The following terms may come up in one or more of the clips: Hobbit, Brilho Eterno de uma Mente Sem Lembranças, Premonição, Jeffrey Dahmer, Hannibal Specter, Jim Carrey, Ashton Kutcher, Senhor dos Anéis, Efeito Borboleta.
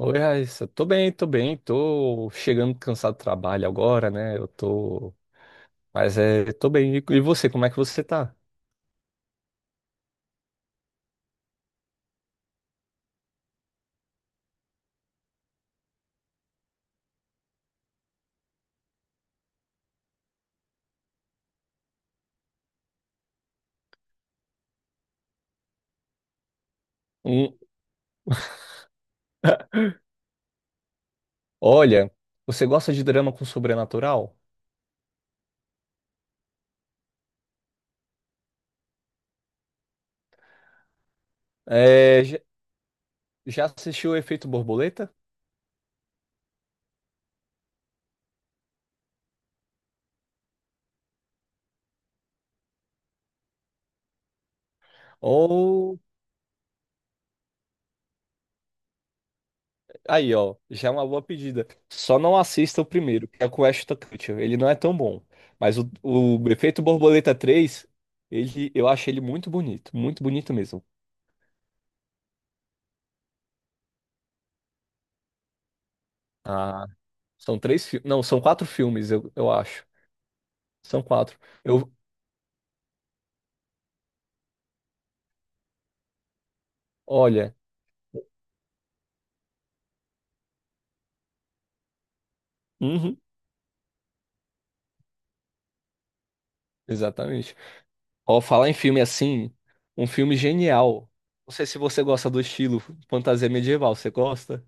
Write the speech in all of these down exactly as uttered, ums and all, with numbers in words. Oi, Raíssa. Tô bem, tô bem. Tô chegando cansado do trabalho agora, né? Eu tô. Mas é, tô bem. E e você, como é que você tá? Hum, Olha, você gosta de drama com sobrenatural? É, já já assistiu o Efeito Borboleta? Ou. Aí, ó, já é uma boa pedida. Só não assista o primeiro, que é com o Ashton Kutcher. Ele não é tão bom. Mas o, o Efeito Borboleta três, ele, eu acho ele muito bonito. Muito bonito mesmo. Ah, são três filmes. Não, são quatro filmes, eu, eu acho. São quatro. Eu, olha, uhum, exatamente. Ó, falar em filme assim, um filme genial. Não sei se você gosta do estilo fantasia medieval, você gosta?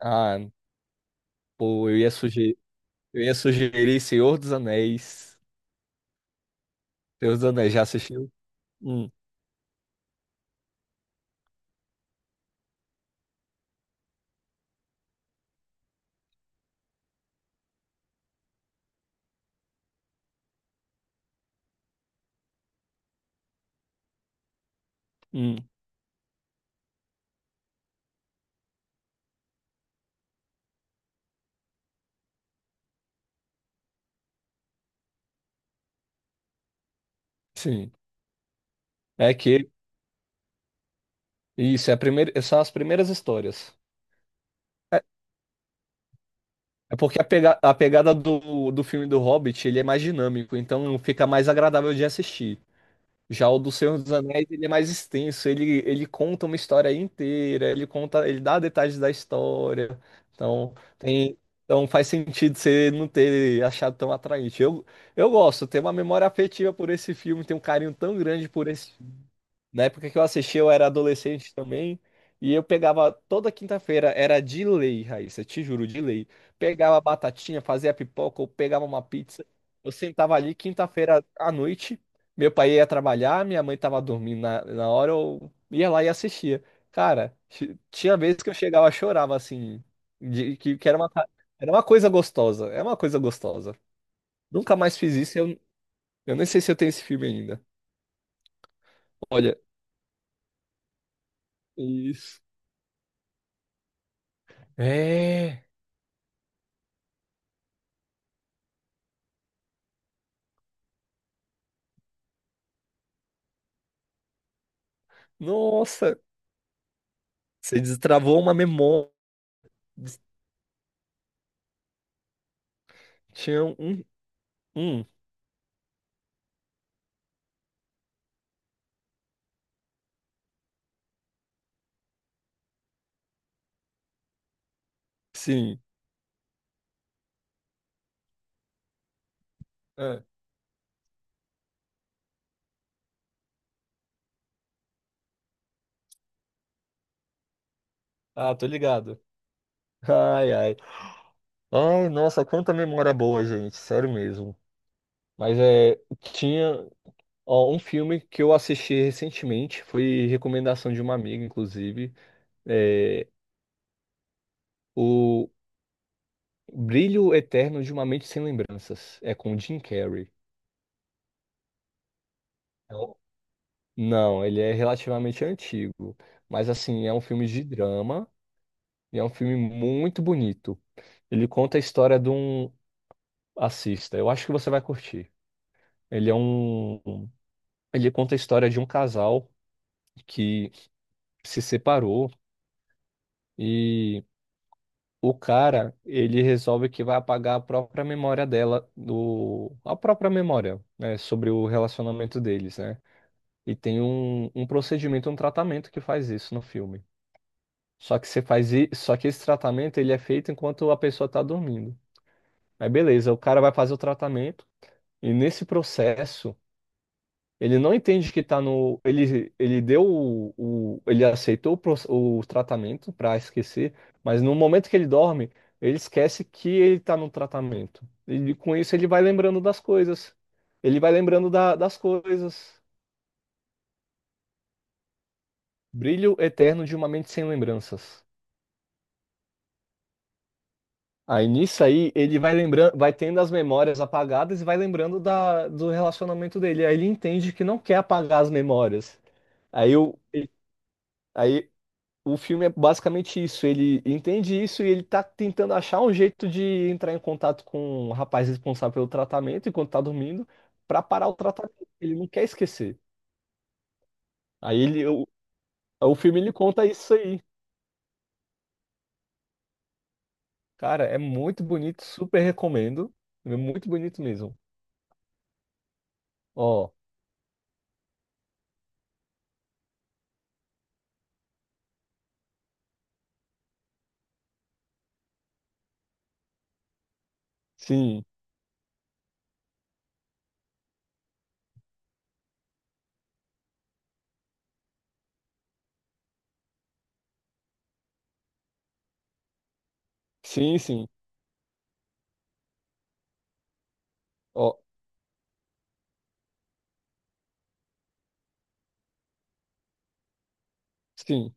Ah, pô, eu ia sugerir, eu ia sugerir Senhor dos Anéis. Senhor dos Anéis, já assistiu? Hum, hum, sim. É que isso é a primeira, são as primeiras histórias. É é porque a, pega- a pegada do, do filme do Hobbit, ele é mais dinâmico, então fica mais agradável de assistir. Já o do Senhor dos Anéis, ele é mais extenso, ele, ele conta uma história inteira, ele conta, ele dá detalhes da história. Então, tem, então faz sentido você não ter achado tão atraente. Eu, eu gosto, tenho uma memória afetiva por esse filme, tenho um carinho tão grande por esse. Na época que eu assisti, eu era adolescente também. E eu pegava toda quinta-feira, era de lei, Raíssa, te juro, de lei. Pegava a batatinha, fazia pipoca, ou pegava uma pizza. Eu sentava ali quinta-feira à noite. Meu pai ia trabalhar, minha mãe tava dormindo na, na hora, eu ia lá e assistia. Cara, ti- tinha vezes que eu chegava, chorava assim, de, que, que era uma, ca- era uma coisa gostosa, é uma coisa gostosa. Nunca mais fiz isso, eu, eu nem sei se eu tenho esse filme ainda. Olha, isso. É. Nossa, você destravou uma memória. Des- Tinha um, um, sim. É. Ah, tô ligado. Ai, ai. Ai, nossa, quanta memória boa, gente. Sério mesmo. Mas é, tinha, ó, um filme que eu assisti recentemente, foi recomendação de uma amiga, inclusive. É, o Brilho Eterno de uma Mente Sem Lembranças. É com Jim Carrey. É um- Não, ele é relativamente antigo. Mas assim, é um filme de drama. E é um filme muito bonito. Ele conta a história de um. Assista, eu acho que você vai curtir. Ele é um. um- Ele conta a história de um casal que se separou e o cara, ele resolve que vai apagar a própria memória dela, do... a própria memória, né, sobre o relacionamento deles, né? E tem um, um procedimento, um tratamento que faz isso no filme. Só que você faz i- Só que esse tratamento ele é feito enquanto a pessoa tá dormindo. Aí beleza, o cara vai fazer o tratamento. E nesse processo, ele não entende que está no. Ele, ele deu o, o- Ele aceitou o, proce- o tratamento para esquecer, mas no momento que ele dorme, ele esquece que ele está no tratamento. E com isso ele vai lembrando das coisas. Ele vai lembrando da- das coisas. Brilho eterno de uma mente sem lembranças. Aí nisso aí, ele vai lembrando, vai tendo as memórias apagadas e vai lembrando da, do relacionamento dele. Aí ele entende que não quer apagar as memórias. Aí, eu, aí o filme é basicamente isso. Ele entende isso e ele tá tentando achar um jeito de entrar em contato com o rapaz responsável pelo tratamento enquanto tá dormindo pra parar o tratamento. Ele não quer esquecer. Aí ele, o, o filme ele conta isso aí. Cara, é muito bonito, super recomendo. É muito bonito mesmo. Ó, sim, sim, sim. Ó, sim.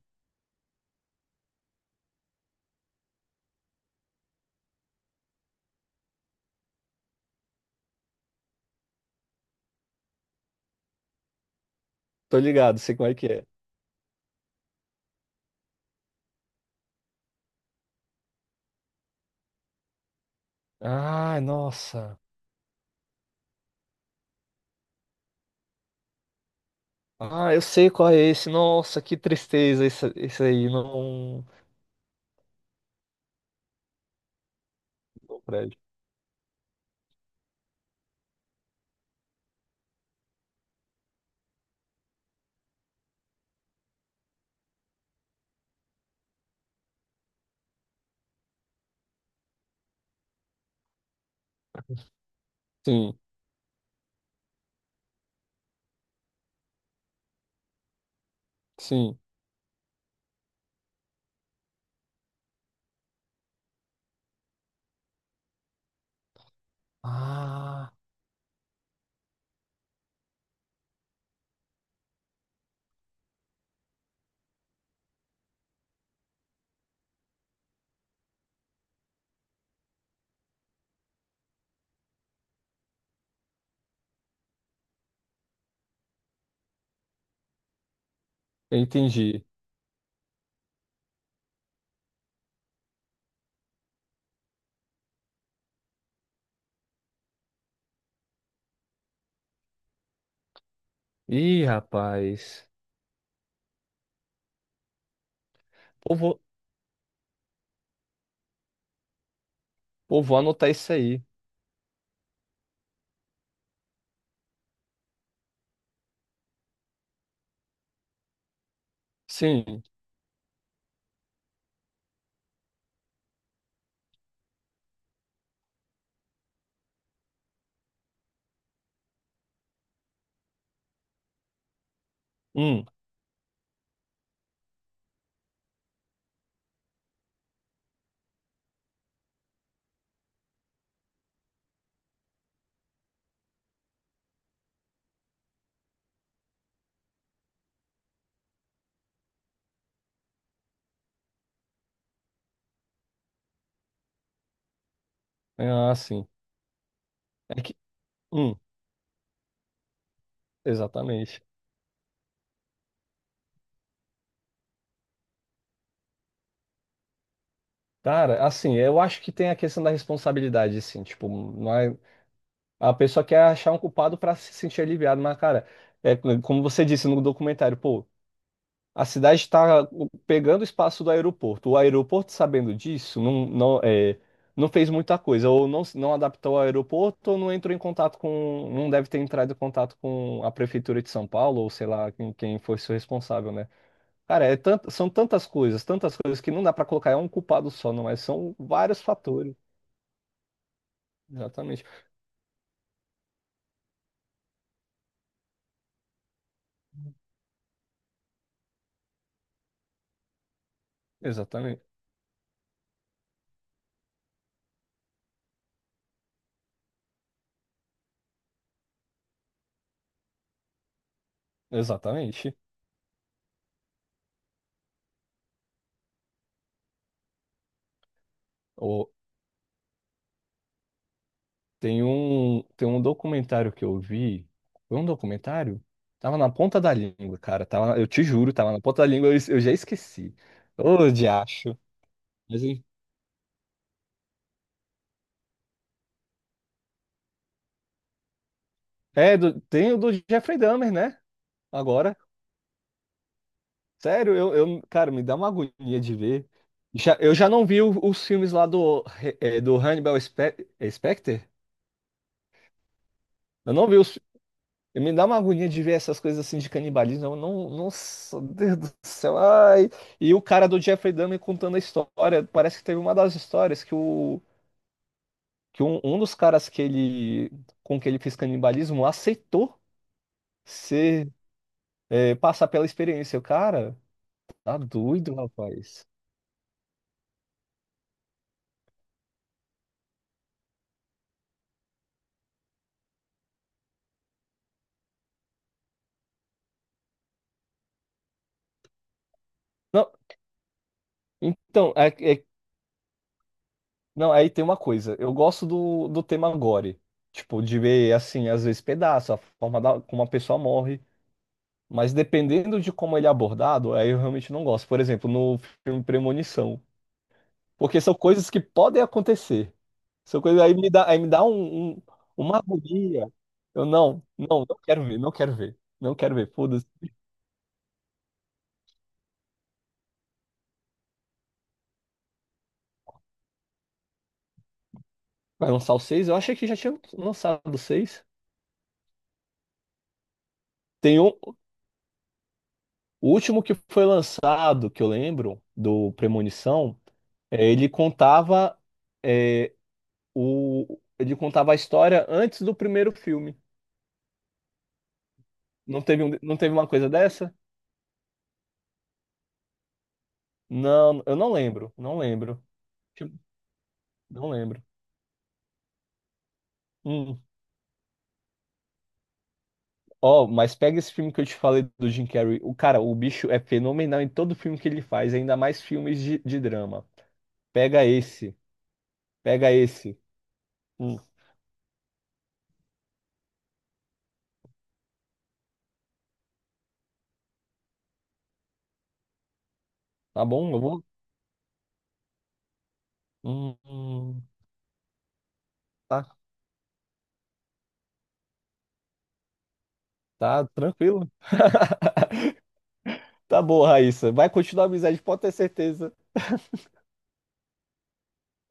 Tô ligado, sei como é que é. Ah, nossa. Ah, eu sei qual é esse. Nossa, que tristeza esse, esse aí. Não, não presta. Sim. Sim, Ah, eu entendi. Ih, rapaz. Pô, vou, Pô, vou anotar isso aí. Sim. Hum. Ah, sim. É que. Hum, exatamente. Cara, assim, eu acho que tem a questão da responsabilidade, assim, tipo, não é- a pessoa quer achar um culpado pra se sentir aliviado, mas, cara, é como você disse no documentário, pô. A cidade está pegando o espaço do aeroporto. O aeroporto, sabendo disso, não, não, é, não fez muita coisa, ou não, se- não adaptou ao aeroporto, ou não entrou em contato com. Não deve ter entrado em contato com a prefeitura de São Paulo, ou sei lá quem, quem, fosse o responsável, né? Cara, é tant- são tantas coisas, tantas coisas que não dá para colocar é um culpado só, não é? São vários fatores. Exatamente. Exatamente. Exatamente. Tem um, tem um documentário que eu vi. Foi um documentário? Tava na ponta da língua, cara. Tava, eu te juro, tava na ponta da língua, eu, eu já esqueci. Ô, diacho. Mas, hein? É, do- tem o do Jeffrey Dahmer, né? Agora. Sério, eu, eu, cara, me dá uma agonia de ver. Já, eu já não vi o- os filmes lá do, eh, do Hannibal Spe- Specter. Eu não vi os. E me dá uma agonia de ver essas coisas assim de canibalismo. Eu não, nossa, Deus do céu. Ai. E o cara do Jeffrey Dahmer contando a história. Parece que teve uma das histórias que, o, que um, um dos caras que ele, com que ele fez canibalismo aceitou ser, é, passar pela experiência. O cara tá doido, rapaz. Não, então, é, é- não, aí tem uma coisa. Eu gosto do, do tema gore. Tipo, de ver, assim, às vezes pedaço, a forma da, como a pessoa morre. Mas dependendo de como ele é abordado, aí eu realmente não gosto. Por exemplo, no filme Premonição. Porque são coisas que podem acontecer. São coisas aí me dá, aí me dá um, um- uma agonia. Eu não, não, não quero ver, não quero ver. Não quero ver. Foda-se. Vai lançar o seis. Eu achei que já tinha lançado o seis. Tem um, o último que foi lançado, que eu lembro, do Premonição, é, ele contava é, o, ele contava a história antes do primeiro filme. Não teve, um, não teve uma coisa dessa? Não, eu não lembro, não lembro. Tipo, não lembro. Hum. Ó, mas pega esse filme que eu te falei do Jim Carrey. O cara, o bicho é fenomenal em todo filme que ele faz, ainda mais filmes de, de drama. Pega esse, pega esse. Hum. Tá bom? Eu vou. Hum, hum, tá, tá tranquilo. Tá bom, Raíssa. Vai continuar a amizade, pode ter certeza.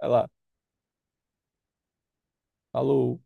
Vai lá. Falou.